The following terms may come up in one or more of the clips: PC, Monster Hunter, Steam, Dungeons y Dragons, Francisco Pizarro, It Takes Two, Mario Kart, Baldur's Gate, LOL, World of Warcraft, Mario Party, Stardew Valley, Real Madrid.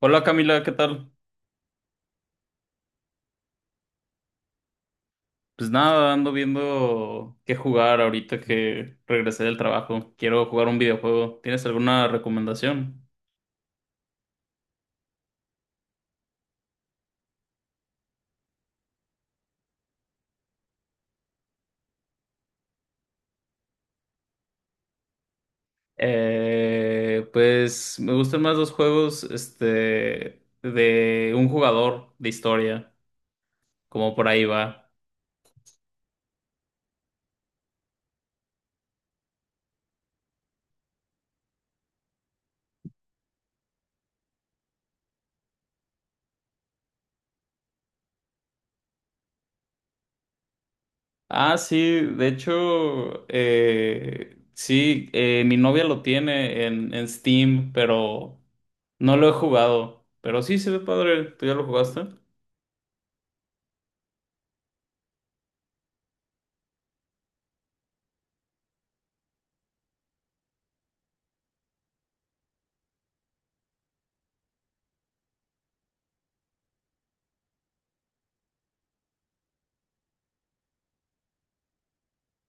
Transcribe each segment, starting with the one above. Hola Camila, ¿qué tal? Pues nada, ando viendo qué jugar ahorita que regresé del trabajo. Quiero jugar un videojuego. ¿Tienes alguna recomendación? Pues me gustan más los juegos, este, de un jugador de historia, como por ahí va. Ah, sí, de hecho, sí, mi novia lo tiene en Steam, pero no lo he jugado. Pero sí se ve padre. ¿Tú ya lo jugaste?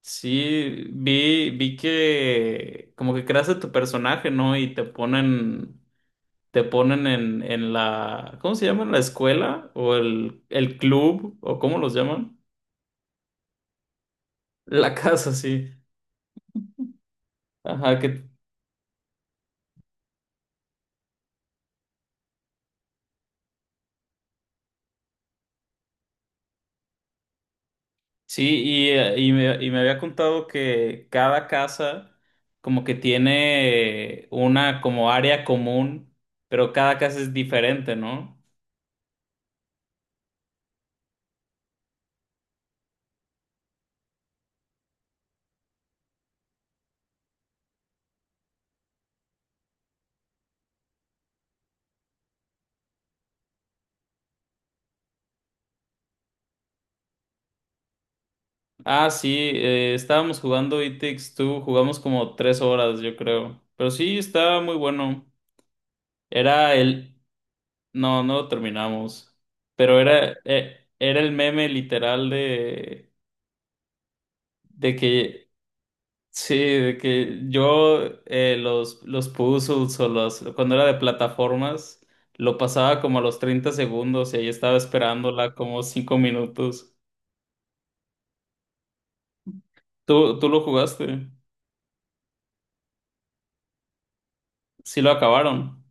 Sí, vi que como que creas a tu personaje, ¿no? Y te ponen en la, ¿cómo se llama? ¿La escuela? ¿O el club? ¿O cómo los llaman? La casa, sí. Ajá, que sí, y me había contado que cada casa como que tiene una como área común, pero cada casa es diferente, ¿no? Ah, sí, estábamos jugando It Takes Two, jugamos como 3 horas, yo creo. Pero sí, estaba muy bueno. Era el... No, no lo terminamos. Pero era, era el meme literal de que... Sí, de que yo los puzzles o los... Cuando era de plataformas, lo pasaba como a los 30 segundos y ahí estaba esperándola como 5 minutos. ¿¿Tú lo jugaste? Sí lo acabaron.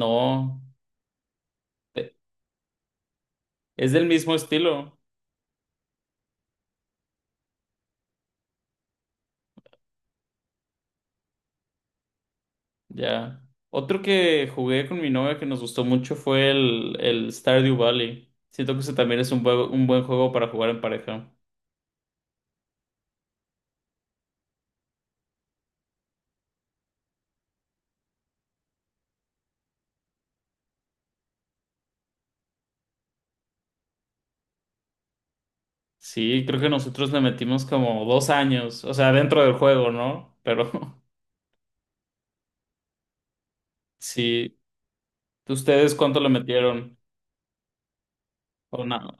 No. Es del mismo estilo, ya. Otro que jugué con mi novia que nos gustó mucho fue el Stardew Valley. Siento que ese también es un, un buen juego para jugar en pareja. Sí, creo que nosotros le metimos como 2 años, o sea, dentro del juego, ¿no? Pero sí, ¿ustedes cuánto le metieron? O nada.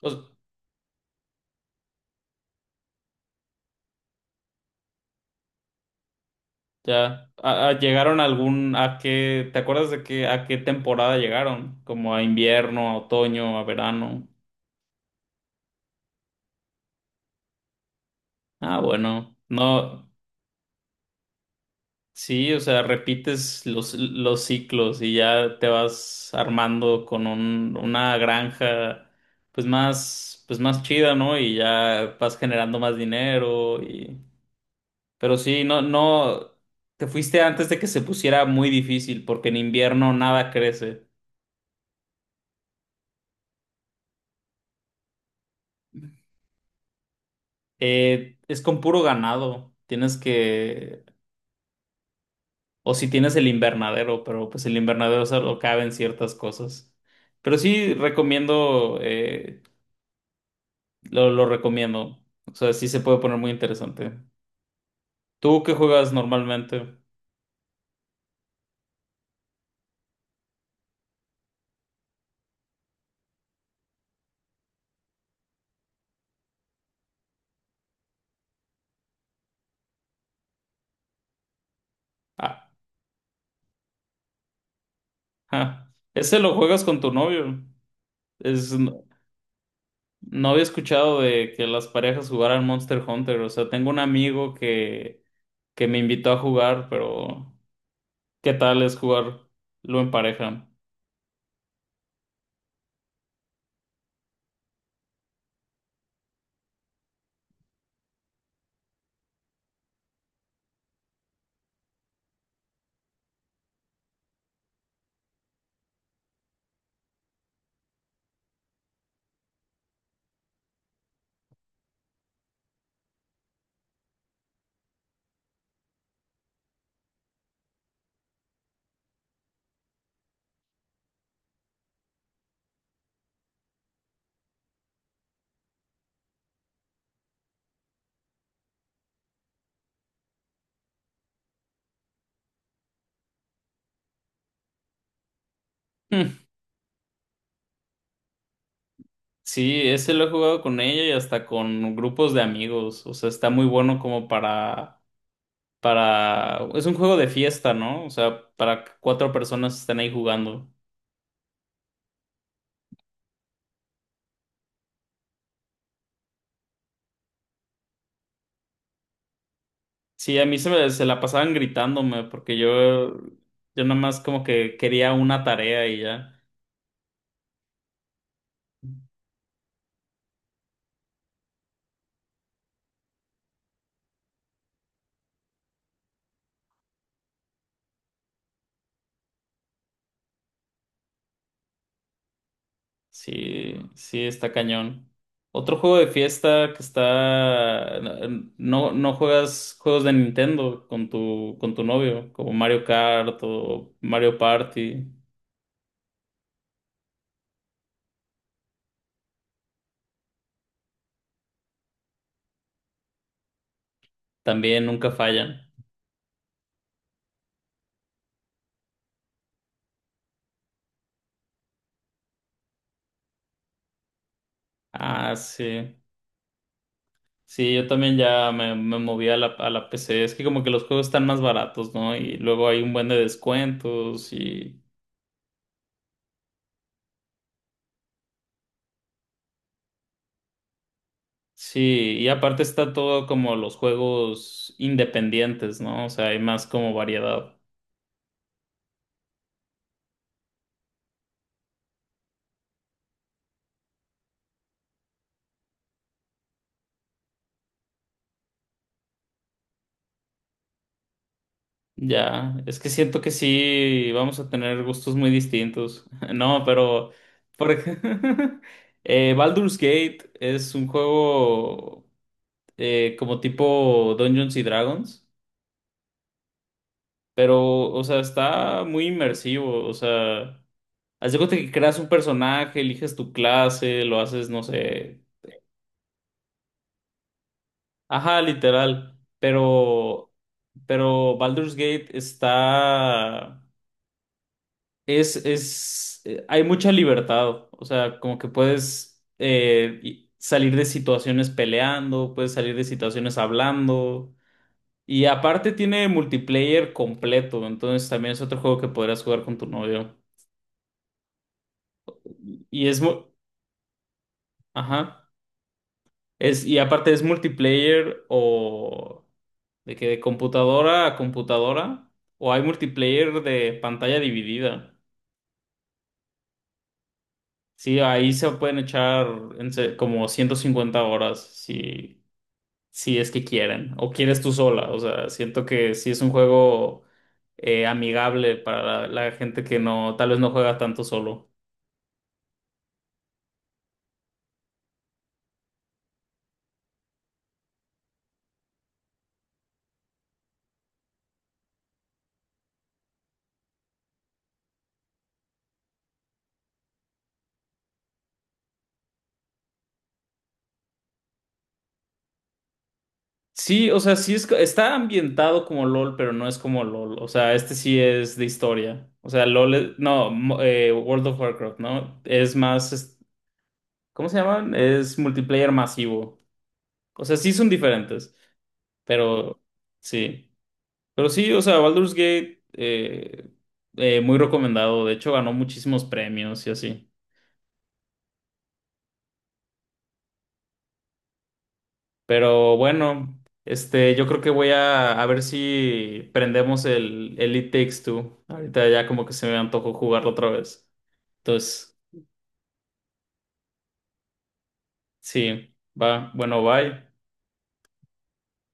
Pues, ya. ¿Llegaron a algún, a qué, te acuerdas de qué, a qué temporada llegaron? Como a invierno, a otoño, a verano. Ah, bueno. No. Sí, o sea, repites los ciclos y ya te vas armando con una granja pues más chida, ¿no? Y ya vas generando más dinero y... Pero sí, no, no, te fuiste antes de que se pusiera muy difícil porque en invierno nada crece. Es con puro ganado, tienes que... O si tienes el invernadero, pero pues el invernadero solo caben ciertas cosas. Pero sí recomiendo... lo recomiendo. O sea, sí se puede poner muy interesante. ¿Tú qué juegas normalmente? Ah, ja. Ese lo juegas con tu novio. Es, no, no había escuchado de que las parejas jugaran Monster Hunter. O sea, tengo un amigo que me invitó a jugar, pero ¿qué tal es jugarlo en pareja? Hmm. Sí, ese lo he jugado con ella y hasta con grupos de amigos. O sea, está muy bueno como para... Es un juego de fiesta, ¿no? O sea, para que cuatro personas estén ahí jugando. Sí, a mí se la pasaban gritándome porque yo nada más como que quería una tarea y ya. Sí, sí, está cañón. Otro juego de fiesta que está... No, no juegas juegos de Nintendo con tu novio, como Mario Kart o Mario Party. También nunca fallan. Ah, sí. Sí, yo también ya me moví a la PC. Es que como que los juegos están más baratos, ¿no? Y luego hay un buen de descuentos y... Sí, y aparte está todo como los juegos independientes, ¿no? O sea, hay más como variedad. Ya, es que siento que sí, vamos a tener gustos muy distintos. No, pero, por ejemplo, Baldur's Gate es un juego como tipo Dungeons y Dragons. Pero, o sea, está muy inmersivo. O sea, haz de cuenta que creas un personaje, eliges tu clase, lo haces, no sé. Ajá, literal. Pero Baldur's Gate está. Es, es. Hay mucha libertad. O sea, como que puedes salir de situaciones peleando, puedes salir de situaciones hablando. Y aparte tiene multiplayer completo. Entonces también es otro juego que podrás jugar con tu novio. Y es muy. Ajá. Es, y aparte es multiplayer o de que de computadora a computadora o hay multiplayer de pantalla dividida. Sí, ahí se pueden echar como 150 horas si, si es que quieren o quieres tú sola. O sea, siento que sí es un juego amigable para la, la gente que no, tal vez no juega tanto solo. Sí, o sea, sí es, está ambientado como LOL, pero no es como LOL. O sea, este sí es de historia. O sea, LOL, es- no, mo- World of Warcraft, ¿no? ¿Cómo se llaman? Es multiplayer masivo. O sea, sí son diferentes, pero sí. Pero sí, o sea, Baldur's Gate, muy recomendado. De hecho, ganó muchísimos premios y así. Pero bueno, este, yo creo que voy a ver si prendemos el It Takes Two. Ahorita ya como que se me antojó jugarlo otra vez. Entonces, sí, va, bueno, bye.